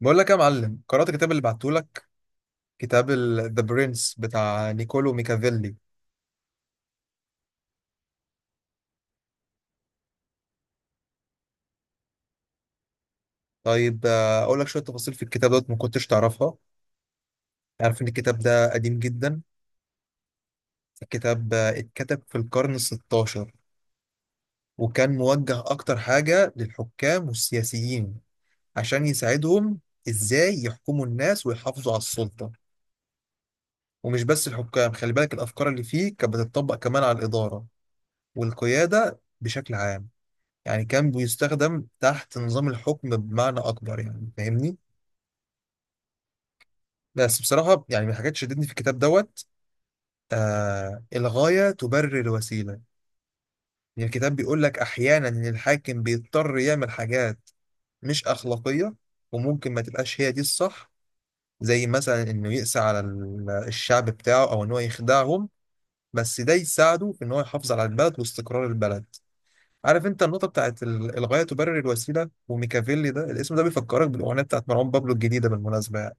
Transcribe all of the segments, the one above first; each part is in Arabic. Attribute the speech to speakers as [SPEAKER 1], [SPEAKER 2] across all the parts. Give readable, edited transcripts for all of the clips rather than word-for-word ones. [SPEAKER 1] بقول لك يا معلم، قرأت الكتاب اللي بعتهولك، كتاب ذا برنس بتاع نيكولو ميكافيلي. طيب اقول لك شويه تفاصيل في الكتاب دوت ما كنتش تعرفها. عارف ان الكتاب ده قديم جدا، الكتاب اتكتب في القرن 16، وكان موجه اكتر حاجه للحكام والسياسيين عشان يساعدهم ازاي يحكموا الناس ويحافظوا على السلطه. ومش بس الحكام، خلي بالك الافكار اللي فيه كانت بتطبق كمان على الاداره والقياده بشكل عام. يعني كان بيستخدم تحت نظام الحكم بمعنى أكبر، يعني فاهمني؟ بس بصراحة يعني من الحاجات اللي شدتني في الكتاب دوت، آه، الغاية تبرر الوسيلة. يعني الكتاب بيقول لك أحيانا إن الحاكم بيضطر يعمل حاجات مش أخلاقية، وممكن ما تبقاش هي دي الصح، زي مثلا إنه يقسى على الشعب بتاعه، أو إن هو يخدعهم، بس ده يساعده في إن هو يحافظ على البلد واستقرار البلد. عارف انت النقطة بتاعت الغاية تبرر الوسيلة، وميكافيلي ده، الاسم ده بيفكرك بالأغنية بتاعت مروان بابلو الجديدة بالمناسبة يعني.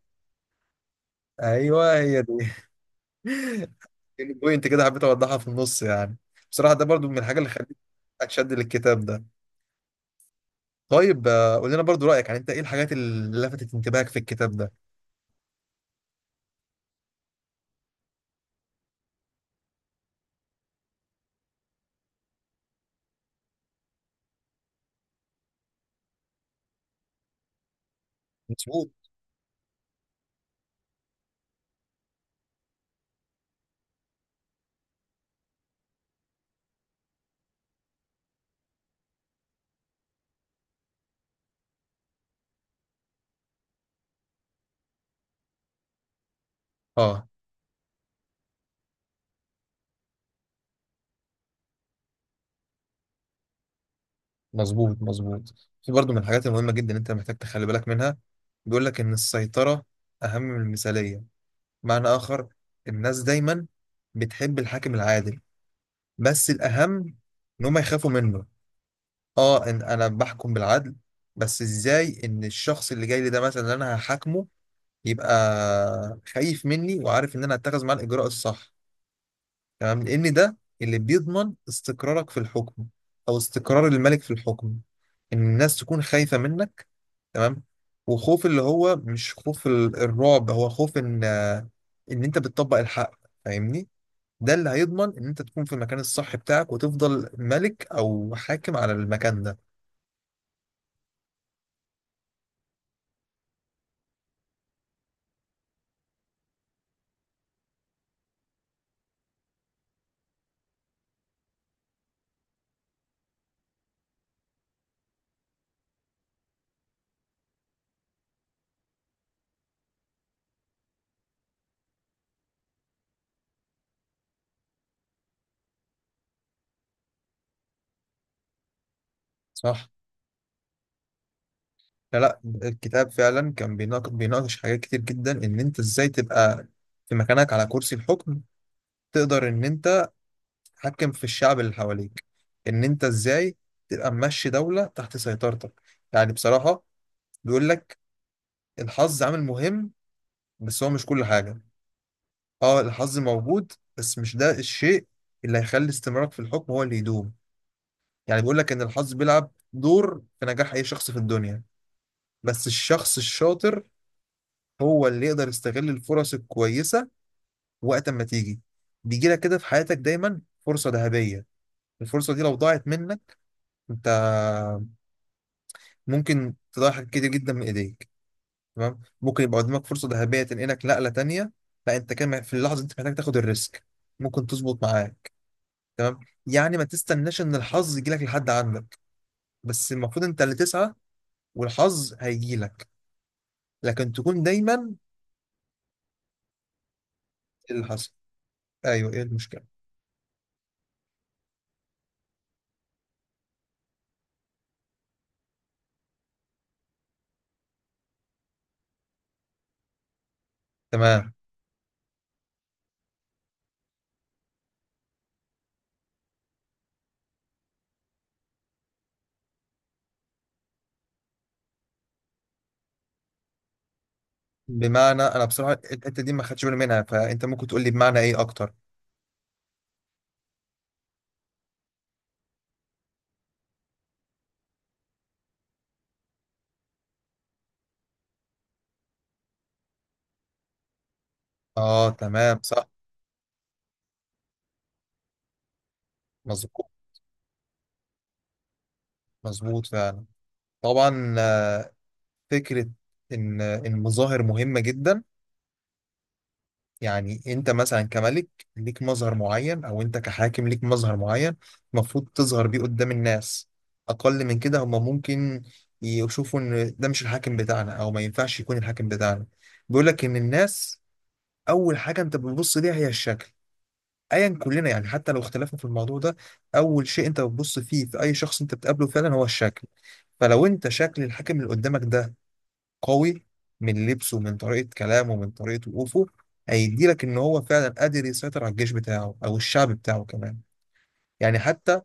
[SPEAKER 1] ايوه، هي دي. البوينت كده حبيت اوضحها في النص يعني. بصراحة ده برضو من الحاجة اللي خلتني اتشد للكتاب ده. طيب قول لنا برضو رأيك، يعني انت ايه الحاجات اللي لفتت انتباهك في الكتاب ده؟ مظبوط. اه، مظبوط مظبوط. في برضو من الحاجات المهمة جدا انت محتاج تخلي بالك منها، بيقول لك ان السيطرة اهم من المثالية. معنى اخر، الناس دايما بتحب الحاكم العادل، بس الأهم إن هما يخافوا منه. اه، إن أنا بحكم بالعدل، بس إزاي إن الشخص اللي جاي لي ده مثلا، اللي أنا هحاكمه، يبقى خايف مني، وعارف إن أنا هتخذ معاه الإجراء الصح. تمام، لأن ده اللي بيضمن استقرارك في الحكم، أو استقرار الملك في الحكم، إن الناس تكون خايفة منك. تمام. وخوف اللي هو مش خوف الرعب، هو خوف إن أنت بتطبق الحق، فاهمني؟ ده اللي هيضمن ان انت تكون في المكان الصح بتاعك، وتفضل ملك او حاكم على المكان ده. صح. لا لا، الكتاب فعلا كان بيناقش حاجات كتير جدا، ان انت ازاي تبقى في مكانك على كرسي الحكم، تقدر ان انت تحكم في الشعب اللي حواليك، ان انت ازاي تبقى ماشي دولة تحت سيطرتك. يعني بصراحة بيقول لك الحظ عامل مهم، بس هو مش كل حاجة. اه، الحظ موجود، بس مش ده الشيء اللي هيخلي استمرارك في الحكم هو اللي يدوم. يعني بيقول لك إن الحظ بيلعب دور في نجاح أي شخص في الدنيا، بس الشخص الشاطر هو اللي يقدر يستغل الفرص الكويسة وقت ما تيجي. بيجي لك كده في حياتك دايما فرصة ذهبية، الفرصة دي لو ضاعت منك، أنت ممكن تضيع حاجات كتير جدا من إيديك. تمام، ممكن يبقى قدامك فرصة ذهبية تنقلك نقلة تانية. لا، أنت كان في اللحظة دي أنت محتاج تاخد الريسك، ممكن تظبط معاك. تمام. يعني ما تستناش إن الحظ يجيلك لحد عندك، بس المفروض أنت اللي تسعى والحظ هيجيلك، لكن تكون دايما. اللي حصل، ايوه، ايه المشكله؟ تمام. بمعنى، انا بصراحه الحته دي ما خدتش بالي منها، فانت ممكن تقول لي بمعنى ايه اكتر؟ اه، تمام صح. مظبوط، مظبوط فعلا. طبعا فكره ان مظاهر مهمه جدا. يعني انت مثلا كملك ليك مظهر معين، او انت كحاكم ليك مظهر معين، المفروض تظهر بيه قدام الناس. اقل من كده هم ممكن يشوفوا ان ده مش الحاكم بتاعنا، او ما ينفعش يكون الحاكم بتاعنا. بيقول لك ان الناس اول حاجه انت بتبص ليها هي الشكل، ايا كلنا يعني حتى لو اختلفنا في الموضوع ده. اول شيء انت بتبص فيه في اي شخص انت بتقابله فعلا هو الشكل. فلو انت شكل الحاكم اللي قدامك ده قوي، من لبسه، من طريقه كلامه، من طريقه وقوفه، هيدي لك ان هو فعلا قادر يسيطر على الجيش بتاعه، او الشعب بتاعه كمان. يعني حتى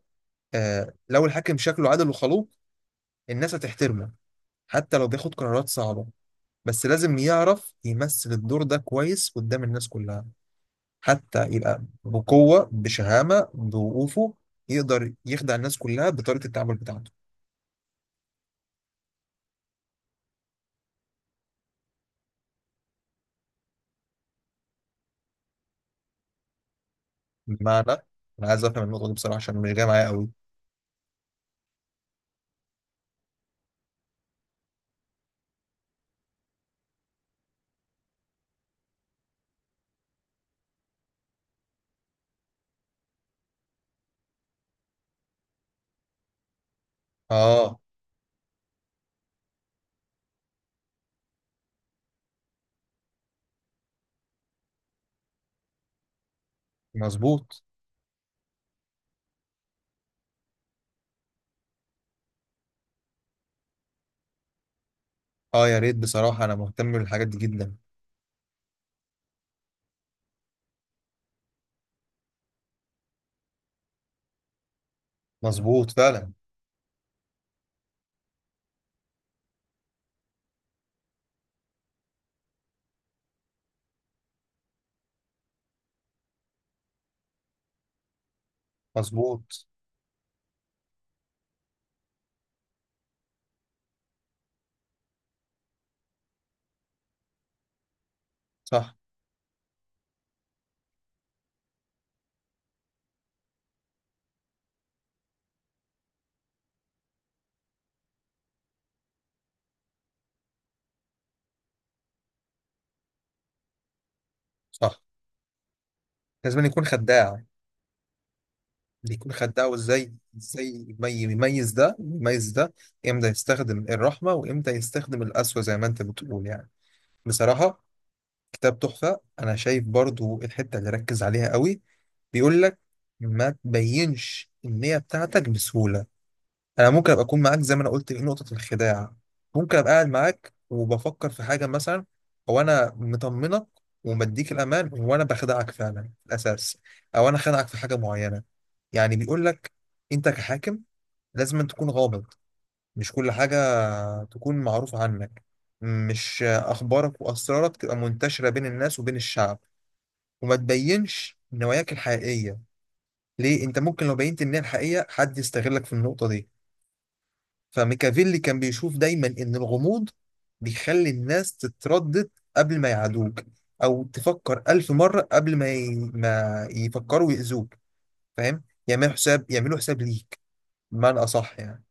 [SPEAKER 1] آه، لو الحاكم شكله عادل وخلوق، الناس هتحترمه، حتى لو بياخد قرارات صعبه. بس لازم يعرف يمثل الدور ده كويس قدام الناس كلها، حتى يبقى بقوة، بشهامة، بوقوفه، يقدر يخدع الناس كلها بطريقة التعامل بتاعته. بمعنى، أنا عايز أفهم النقطة دي بصراحة عشان مش جاية معايا قوي. آه. مظبوط. آه يا ريت، بصراحة أنا مهتم بالحاجات دي جدا. مظبوط فعلا. مظبوط. صح. صح. لازم يكون خداع. بيكون خداع، وإزاي إزاي يميز ده يميز ده، إمتى يستخدم الرحمة وإمتى يستخدم القسوة زي ما أنت بتقول يعني. بصراحة كتاب تحفة. أنا شايف برضو الحتة اللي ركز عليها قوي، بيقول لك ما تبينش النية بتاعتك بسهولة. أنا ممكن أبقى أكون معاك زي ما أنا قلت في نقطة الخداع، ممكن أبقى قاعد معاك وبفكر في حاجة مثلا، أو أنا مطمنك ومديك الأمان، وأنا بخدعك فعلا في الأساس، أو أنا خدعك في حاجة معينة. يعني بيقول لك أنت كحاكم لازم أن تكون غامض، مش كل حاجة تكون معروفة عنك، مش أخبارك وأسرارك تبقى منتشرة بين الناس وبين الشعب، وما تبينش نواياك الحقيقية. ليه؟ انت ممكن لو بينت ان هي الحقيقية، حد يستغلك في النقطة دي. فميكافيلي كان بيشوف دايما ان الغموض بيخلي الناس تتردد قبل ما يعادوك، او تفكر ألف مرة قبل ما ما يفكروا يأذوك، فاهم؟ يعملوا حساب ليك، بمعنى اصح يعني،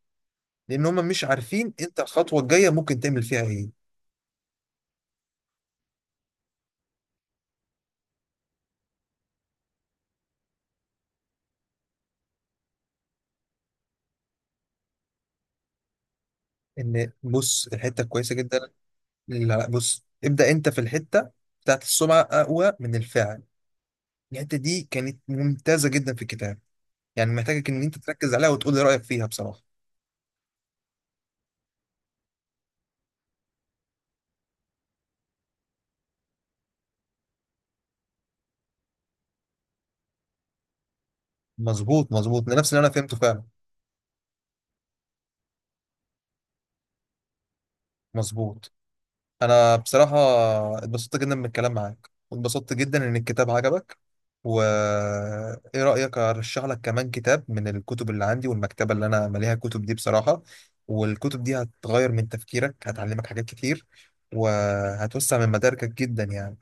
[SPEAKER 1] لان هم مش عارفين انت الخطوة الجاية ممكن تعمل فيها ايه. ان بص، الحتة كويسة جدا. لا بص، ابدأ انت في الحتة بتاعت السمعة اقوى من الفعل. الحته دي كانت ممتازه جدا في الكتاب، يعني محتاجك ان انت تركز عليها وتقول لي رايك فيها بصراحه. مظبوط مظبوط، ده نفس اللي انا فهمته فعلا. مظبوط. انا بصراحه اتبسطت جدا من الكلام معاك، واتبسطت جدا ان الكتاب عجبك. وايه رايك ارشح لك كمان كتاب من الكتب اللي عندي والمكتبه اللي انا مليها كتب دي بصراحه؟ والكتب دي هتغير من تفكيرك، هتعلمك حاجات كتير، وهتوسع من مداركك جدا يعني.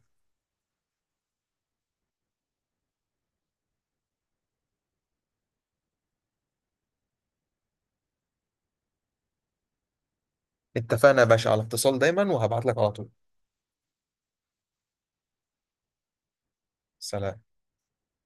[SPEAKER 1] اتفقنا يا باشا، على اتصال دايما، وهبعت لك على طول. سلام.